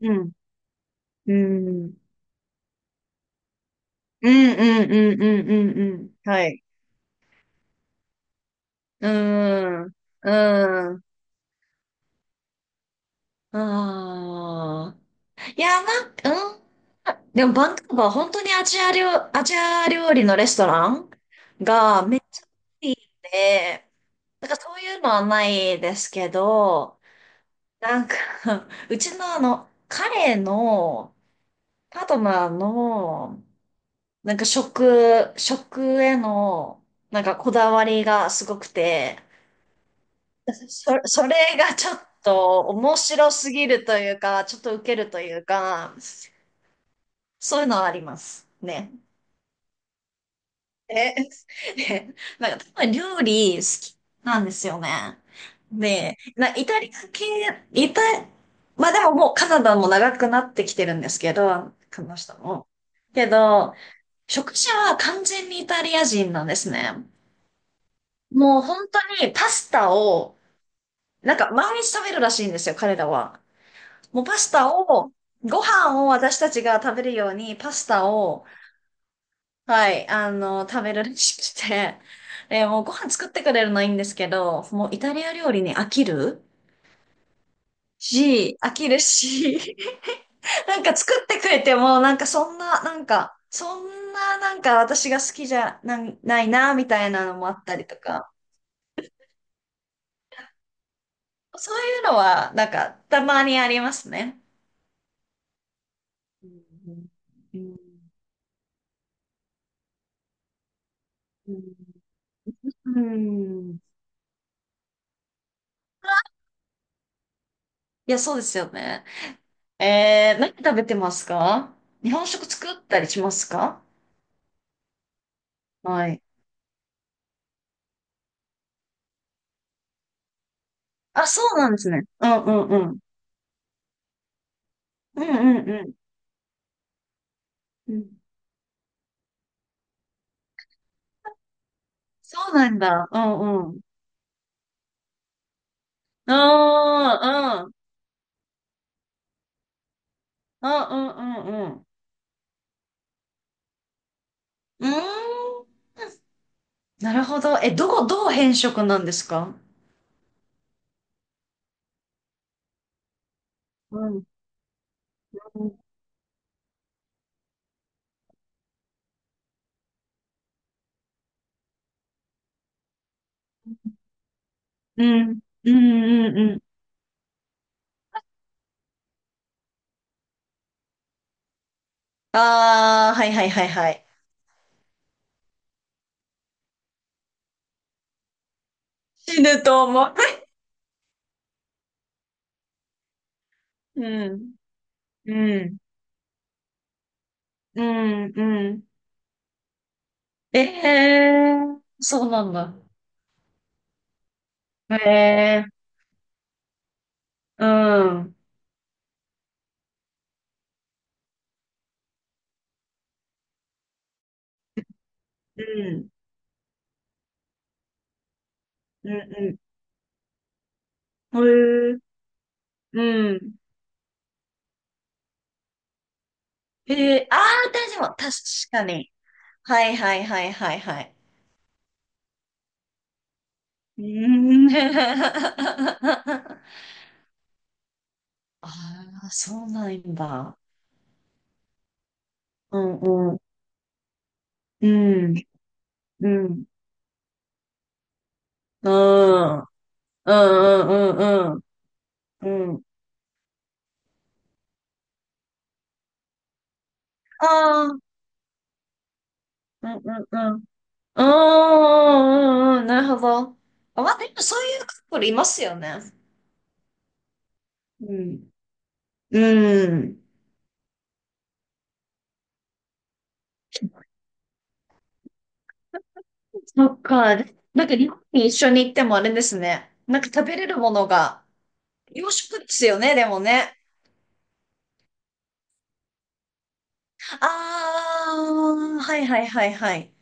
うん。うん。うんうんうんうんうんうん。はい。うん。うん。ああ。いや、なんか、うん。でも、バンクーバー、本当にアジア料理のレストランがめっちゃいいんで、なんからそういうのはないですけど、なんか うちのあの、彼のパートナーのなんか食への、なんかこだわりがすごくて、それがちょっと面白すぎるというか、ちょっとウケるというか、そういうのはありますね。え、で、なんか多分料理好きなんですよね。で、イタリア系、イタ、まあでももうカナダも長くなってきてるんですけど、この人も。けど、食事は完全にイタリア人なんですね。もう本当にパスタを、なんか毎日食べるらしいんですよ、彼らは。もうパスタを、ご飯を私たちが食べるようにパスタを、はい、あの、食べるらしくて、もうご飯作ってくれるのいいんですけど、もうイタリア料理に飽きるし、なんか作ってくれても、なんかそんな、なんか、そんな、なんか私が好きじゃな、ないな、みたいなのもあったりとか、そういうのは、なんか、たまにありますね。うん、うん、うん、うん。いや、そうですよね。何食べてますか？日本食作ったりしますか？はい。あ、そうなんですね。うんうんうん。うんうんうん。うん。そうなんだ。うんうん。ああ、うんうんうんうん。うーん。なるほど。え、どこ、どう変色なんですか？うん。うん。うんうんうん。ああ、はいはいはいはい。死ぬと思う。うん。うん、うん、うん。ええー、そうなんだ。ええー、うん、うん、うん、うん。へえ、うん。へえ、ああ、大丈夫。確かに。はいはいはいはいはい。うーん。ああ、そうなんだ。うん、うん、うん、うん、うん、うん、うん、うんうん、うん。ああ、うん、うん、うん。うーん、うん、うん、なるほど。あ、まあ、でもそういうカップルいますよね。うん。うん。そっか。でなんか日本に一緒に行ってもあれですね。なんか食べれるものが洋食ですよね、でもね。ああ、はいはいはいはい。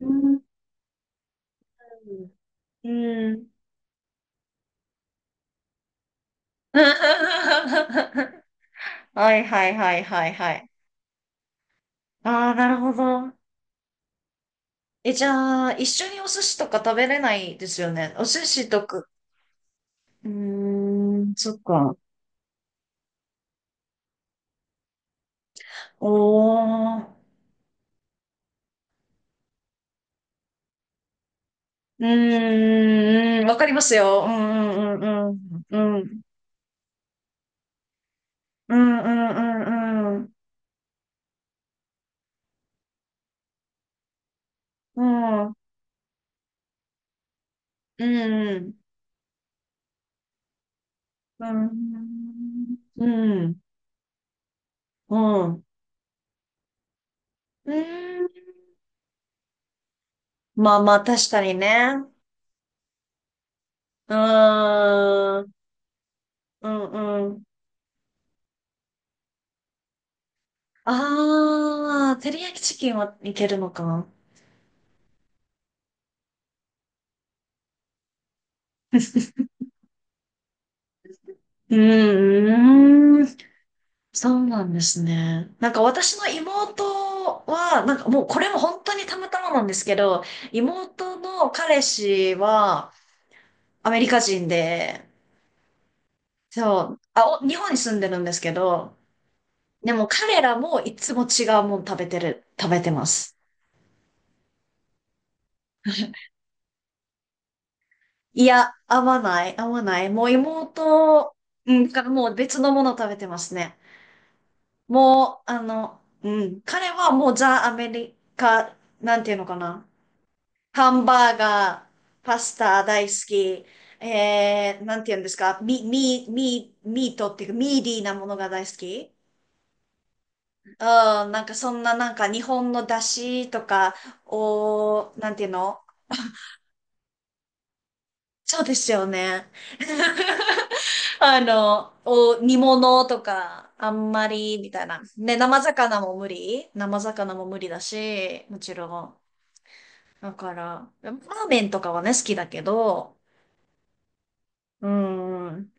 うん。うん。はいはいはいはいはい。ああ、なるほど。じゃあ、一緒にお寿司とか食べれないですよね。お寿司とか。うーん、そっか。おー。うーん、わかりますよ。うんうんうんうん。うん。うんうんうんうん。うん。うん。うん。うん。うん。うん。まあまあ、確かにね。うーん。うんうん。ああ、照り焼きチキンはいけるのか。うーん。そうなんですね。なんか私の妹は、なんかもうこれも本当にたまたまなんですけど、妹の彼氏はアメリカ人で、そう、日本に住んでるんですけど、でも彼らもいつも違うもん食べてます。いや、合わない、合わない。もう妹、うん、からもう別のもの食べてますね。もう、あの、うん、彼はもうザ・アメリカ、なんていうのかな。ハンバーガー、パスタ大好き。なんて言うんですか、ミートっていうか、ミーディーなものが大好き。うん、なんかそんななんか日本の出汁とかを、なんていうの？そうですよね。あの、煮物とか、あんまり、みたいな。ね、生魚も無理生魚も無理だし、もちろん。だから、ラーメンとかはね、好きだけど、うん。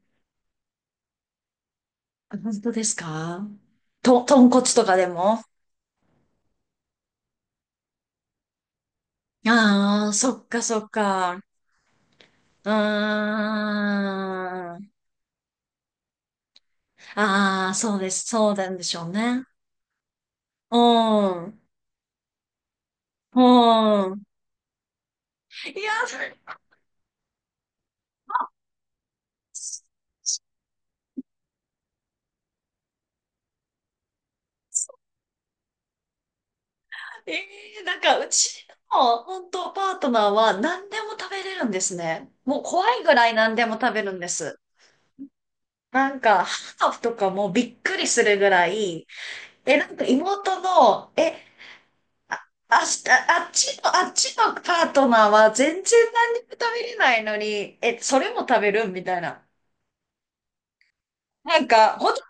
本当ですか？豚骨とかでも？ああ、そっかそっか。うーん。ああ、そうです。そうなんでしょうね。うん。うん。いや、ええ、なんかうちの本当パートナーは何でも食べれるんですね。もう怖いぐらい何でも食べるんです。なんか、ハーフとかもびっくりするぐらい、なんか妹の、え、あ、あ、あっちのパートナーは全然何にも食べれないのに、それも食べるみたいな。なんか、ほんと、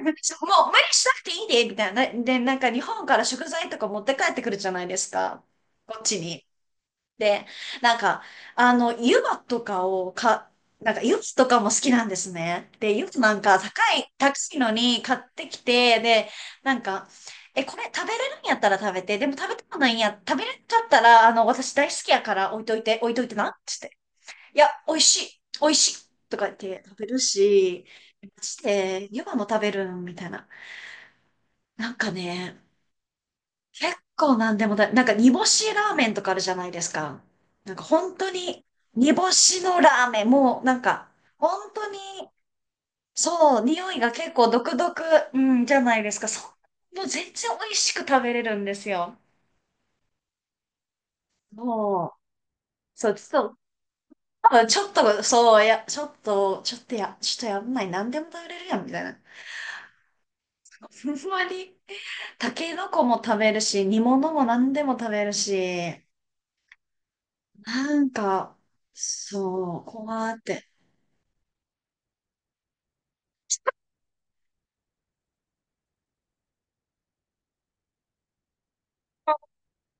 もう無理しなくていいで、みたいな。で、なんか日本から食材とか持って帰ってくるじゃないですか。こっちに。で、なんか、あの、湯葉とかをか、なんか湯葉とかも好きなんですね。で、湯葉なんか高い、高いのに買ってきて、で、なんか、これ食べれるんやったら食べて、でも食べてもないんや、食べれんかったら、あの、私大好きやから置いといて、置いといてな、っつって。いや、美味しい、美味しい、とか言って食べるし、マジで湯葉も食べるみたいな。なんかね、結構なんでもだ、なんか煮干しラーメンとかあるじゃないですか。なんか本当に煮干しのラーメン、もうなんか本当にそう、匂いが結構独特、うん、じゃないですか。そう、もう全然美味しく食べれるんですよ。もう、そう、ちょっと、多分ちょっと、そう、いや、ちょっとやんない、何でも食べれるやん、みたいな。ふんわり、タケノコも食べるし、煮物も何でも食べるし、なんか、そう、こうやって。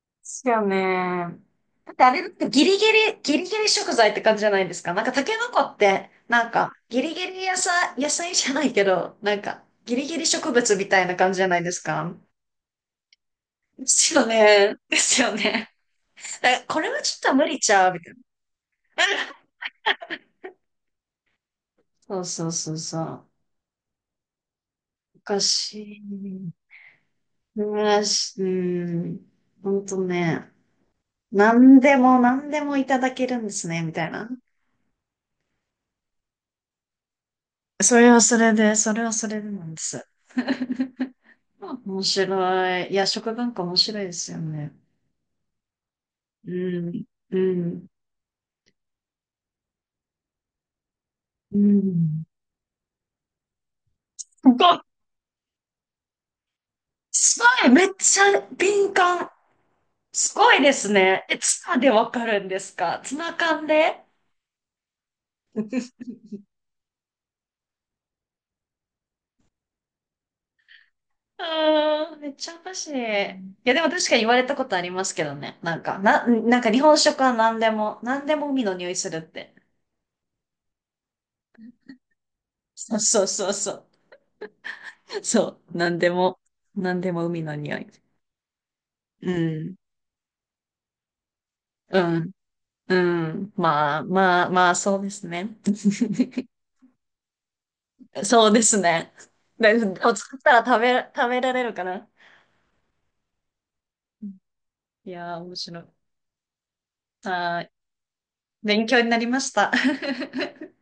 ですよね。だってあれだってギリギリ、ギリギリ食材って感じじゃないですか。なんかタケノコって、なんかギリギリ野菜、野菜じゃないけど、なんかギリギリ植物みたいな感じじゃないですか。ですよね。ですよね。だからこれはちょっと無理ちゃうみたいな。そうそうそうそう。おかしい。うん、うん、ほんとね。何でも何でもいただけるんですね、みたいな。それはそれで、それはそれでなんです。面白い。いや、食文化面白いですよね。うん、うん、うん。すごい、すごい、めっちゃ敏感。すごいですね。ツナでわかるんですか？ツナ缶で？あー めっちゃおかしい。いや、でも確かに言われたことありますけどね。なんか、なんか日本食は何でも、何でも海の匂いするって。そうそうそうそう。そう、なんでも、なんでも海の匂い。うん、うん、うん。まあ、まあ、まあ、そうですね。そうですね。で、お作ったら食べられるかな。いやー、面白い。はい。勉強になりました。